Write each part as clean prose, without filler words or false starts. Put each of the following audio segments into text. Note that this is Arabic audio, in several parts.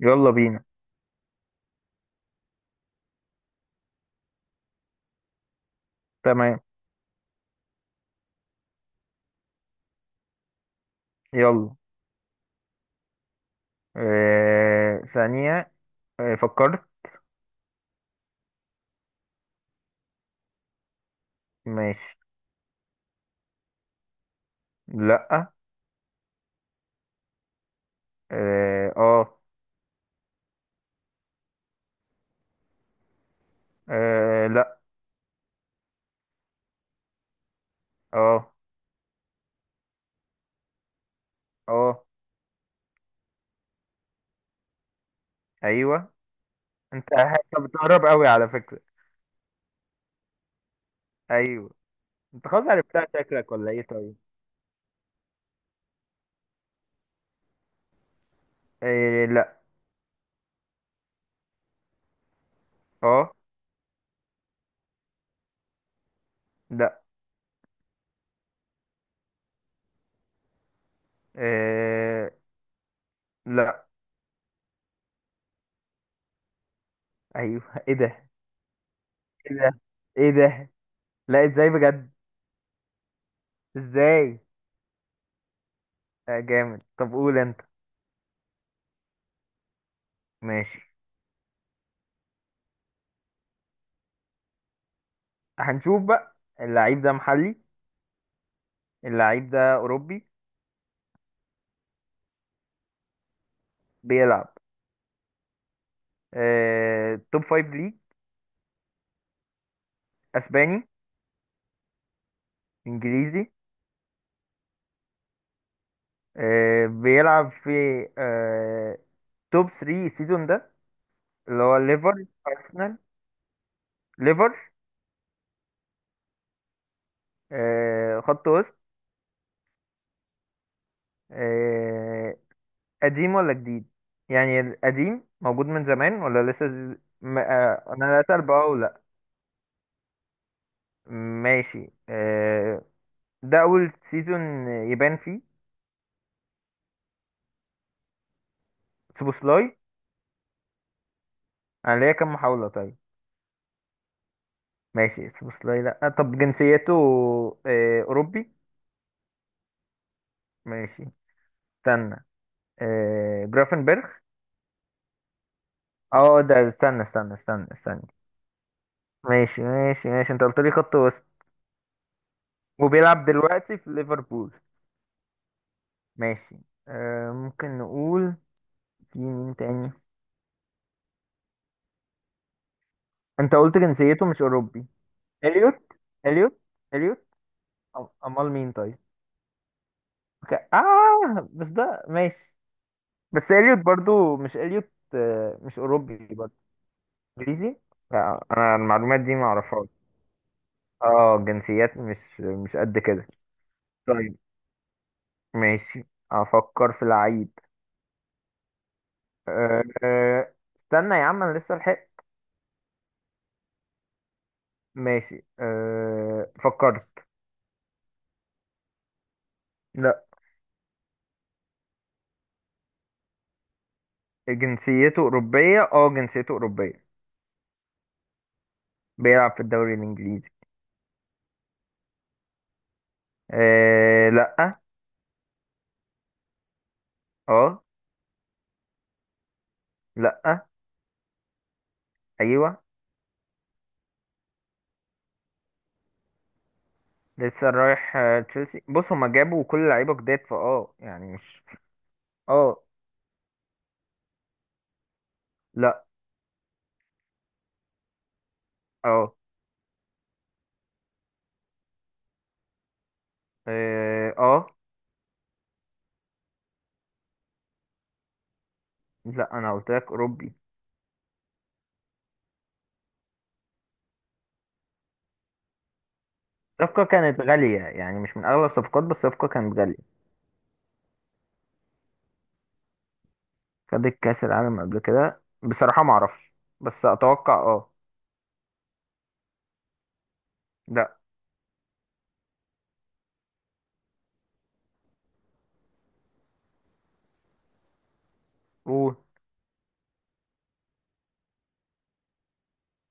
يلا بينا. تمام. يلا. آه، ثانية. فكرت. ماشي. لأ. آه، آه. لأ. آه. آه أيوه. أنت بتقرب أوي على فكرة. أيوه. أنت خلاص عرفتها، شكلك ولا إيه؟ طيب. لأ. آه لأ آه لأ. أيوه. إيه ده؟ إيه ده؟ إيه ده؟ لأ، إزاي بجد؟ إزاي؟ آه، جامد. طب قول أنت. ماشي. هنشوف بقى. اللعيب ده محلي؟ اللعيب ده أوروبي؟ بيلعب. توب فايف ليج. أسباني؟ إنجليزي؟ بيلعب في آه، توب 3 السيزون ده، اللي هو ليفر أرسنال. ليفر. خط وسط. آه، قديم ولا جديد؟ يعني القديم موجود من زمان ولا لسه م... آه، أنا لا أسأل أو لأ. ماشي. ده أول سيزون يبان فيه. سوبوسلاي؟ أنا ليا كام محاولة؟ طيب. ماشي، سوبوسلاي لا. طب جنسيته، أوروبي؟ ماشي. استنى. جرافنبرغ. اه ده استنى استنى استنى استنى. ماشي ماشي ماشي، انت قلت لي خط وسط. وبيلعب دلوقتي في ليفربول؟ ماشي. ممكن نقول. في مين تاني؟ انت قلت جنسيته مش أوروبي. اليوت. اليوت. اليوت. امال مين طيب؟ اوكي. اه بس ده ماشي. بس اليوت برضو، مش اليوت. مش أوروبي برضو. انجليزي؟ لا، انا المعلومات دي ما اعرفهاش. اه الجنسيات مش قد كده. طيب. ماشي. افكر في لعيب. أه آه، استنى يا عم، انا لسه لحق. ماشي. فكرت. لا. جنسيته اوروبيه، جنسيته اوروبيه. بيلعب في الدوري الانجليزي. لا. اه. لا. ايوه. لسه رايح تشيلسي. بص، هما جابوا كل لعيبه جداد، فاه يعني مش. اه. لا. اه. اه. آه. لا، انا قلت لك اوروبي. الصفقه كانت غاليه، يعني مش من اغلى الصفقات، بس الصفقه كانت غاليه. خدت كاس العالم قبل كده؟ بصراحه ما اعرفش، بس اتوقع اه. لا. قول.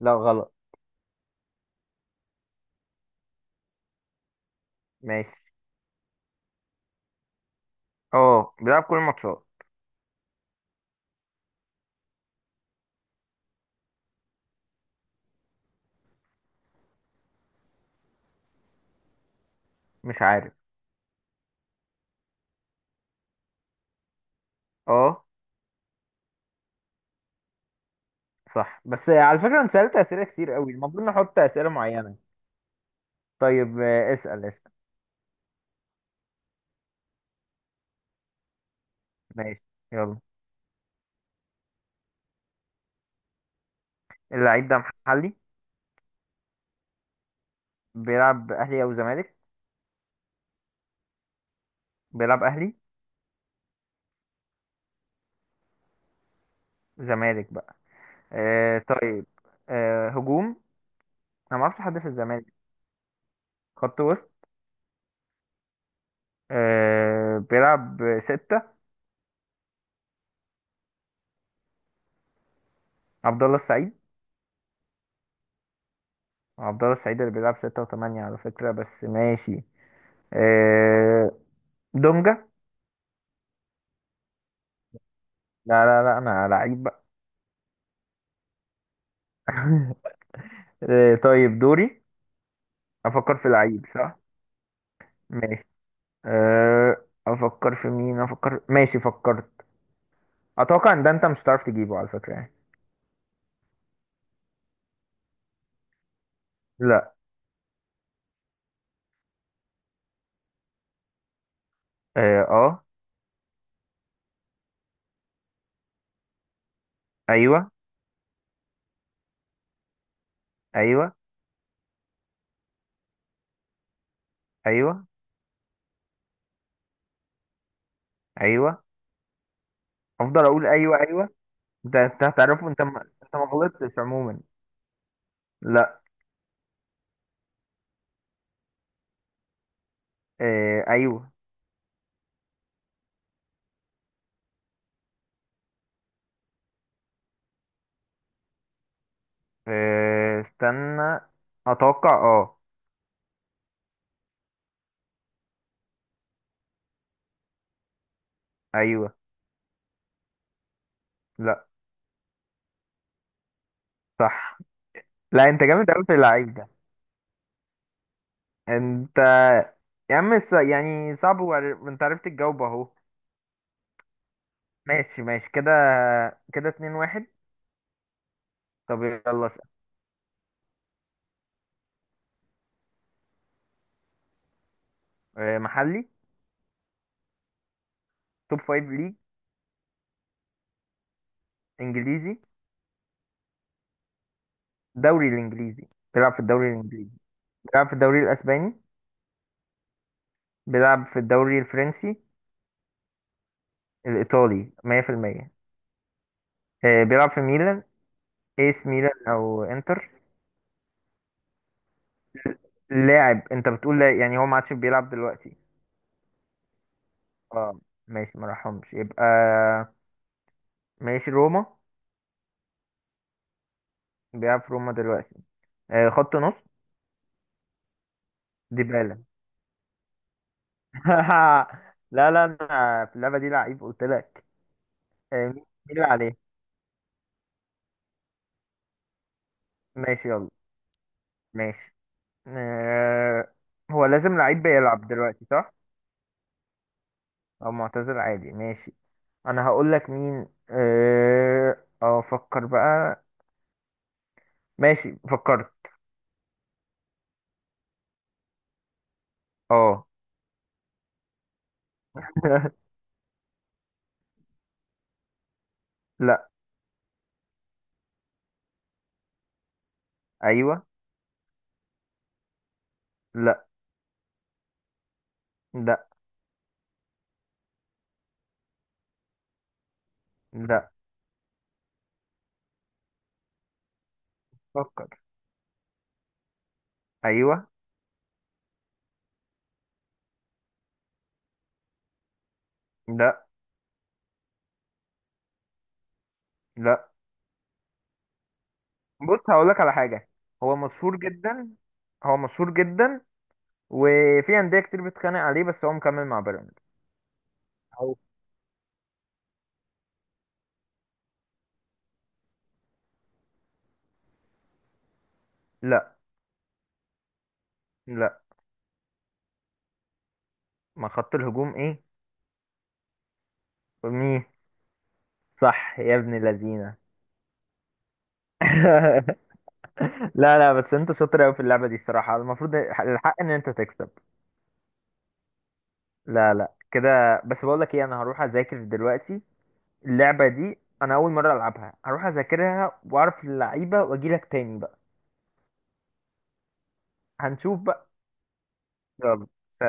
لا غلط. ماشي. اه، بيلعب كل الماتشات. مش عارف. اه صح، بس على فكره انت سالت اسئله كتير قوي، المفروض نحط اسئله معينه. طيب. اسال اسال. ماشي. يلا. اللعيب ده محلي؟ بيلعب اهلي او زمالك؟ بيلعب اهلي؟ زمالك بقى؟ آه، طيب. هجوم؟ انا ما اعرفش حد في الزمالك. خط وسط؟ بيلعب ستة؟ عبد الله السعيد. عبد الله السعيد اللي بيلعب ستة وثمانية على فكرة، بس ماشي. آه دونجا. لا لا لا، أنا لعيب بقى. آه، طيب دوري. أفكر في لعيب، صح؟ ماشي. آه أفكر في مين. أفكر. ماشي، فكرت. أتوقع إن ده أنت مش هتعرف تجيبه على فكرة يعني. لا. آه, آه. أيوه. أيوه. أيوه. أيوه. أفضل أقول أيوه أيوه. أنت هتعرفه، أنت ما غلطتش عموما. لا. آه، ايوه. استنى. اتوقع. اه. ايوه. لا. صح. لا، انت جامد قوي في اللعيب ده. انت يا عم يعني صعب انت عرفت تجاوب اهو. ماشي ماشي كده. كده 2-1. طب يلا اسأل. محلي؟ توب فايف ليج؟ انجليزي؟ دوري الانجليزي بيلعب في الدوري الانجليزي؟ بيلعب في الدوري الاسباني؟ بيلعب في الدوري الفرنسي؟ الايطالي 100%؟ بيلعب في ميلان. ايس ميلان او انتر؟ لاعب، انت بتقول لا يعني هو ما عادش بيلعب دلوقتي؟ اه. ماشي، ما راحهمش يبقى. ماشي روما؟ بيلعب في روما دلوقتي؟ خط نص. ديبالا؟ لا لا، انا في اللعبه دي لعيب قلت لك. مين مين اللي عليه. ماشي يلا ماشي. آه هو لازم لعيب بيلعب دلوقتي صح؟ او معتزل عادي ماشي. انا هقول لك مين. افكر بقى. ماشي، فكرت. اه. لا. ايوه. لا. لا. لا. فكر. ايوه. لا. لا. بص هقولك على حاجه. هو مشهور جدا. هو مشهور جدا، وفي انديه كتير بتتخانق عليه، بس هو مكمل مع بيراميدز. أو. لا. لا. ما خط الهجوم ايه. مين؟ صح يا ابن لذينه. لا لا، بس انت شاطر قوي في اللعبه دي الصراحه، المفروض الحق ان انت تكسب. لا لا كده، بس بقول لك ايه، انا هروح اذاكر دلوقتي. اللعبه دي انا اول مره العبها، هروح اذاكرها واعرف اللعيبه واجي لك تاني بقى. هنشوف. يلا. سلام.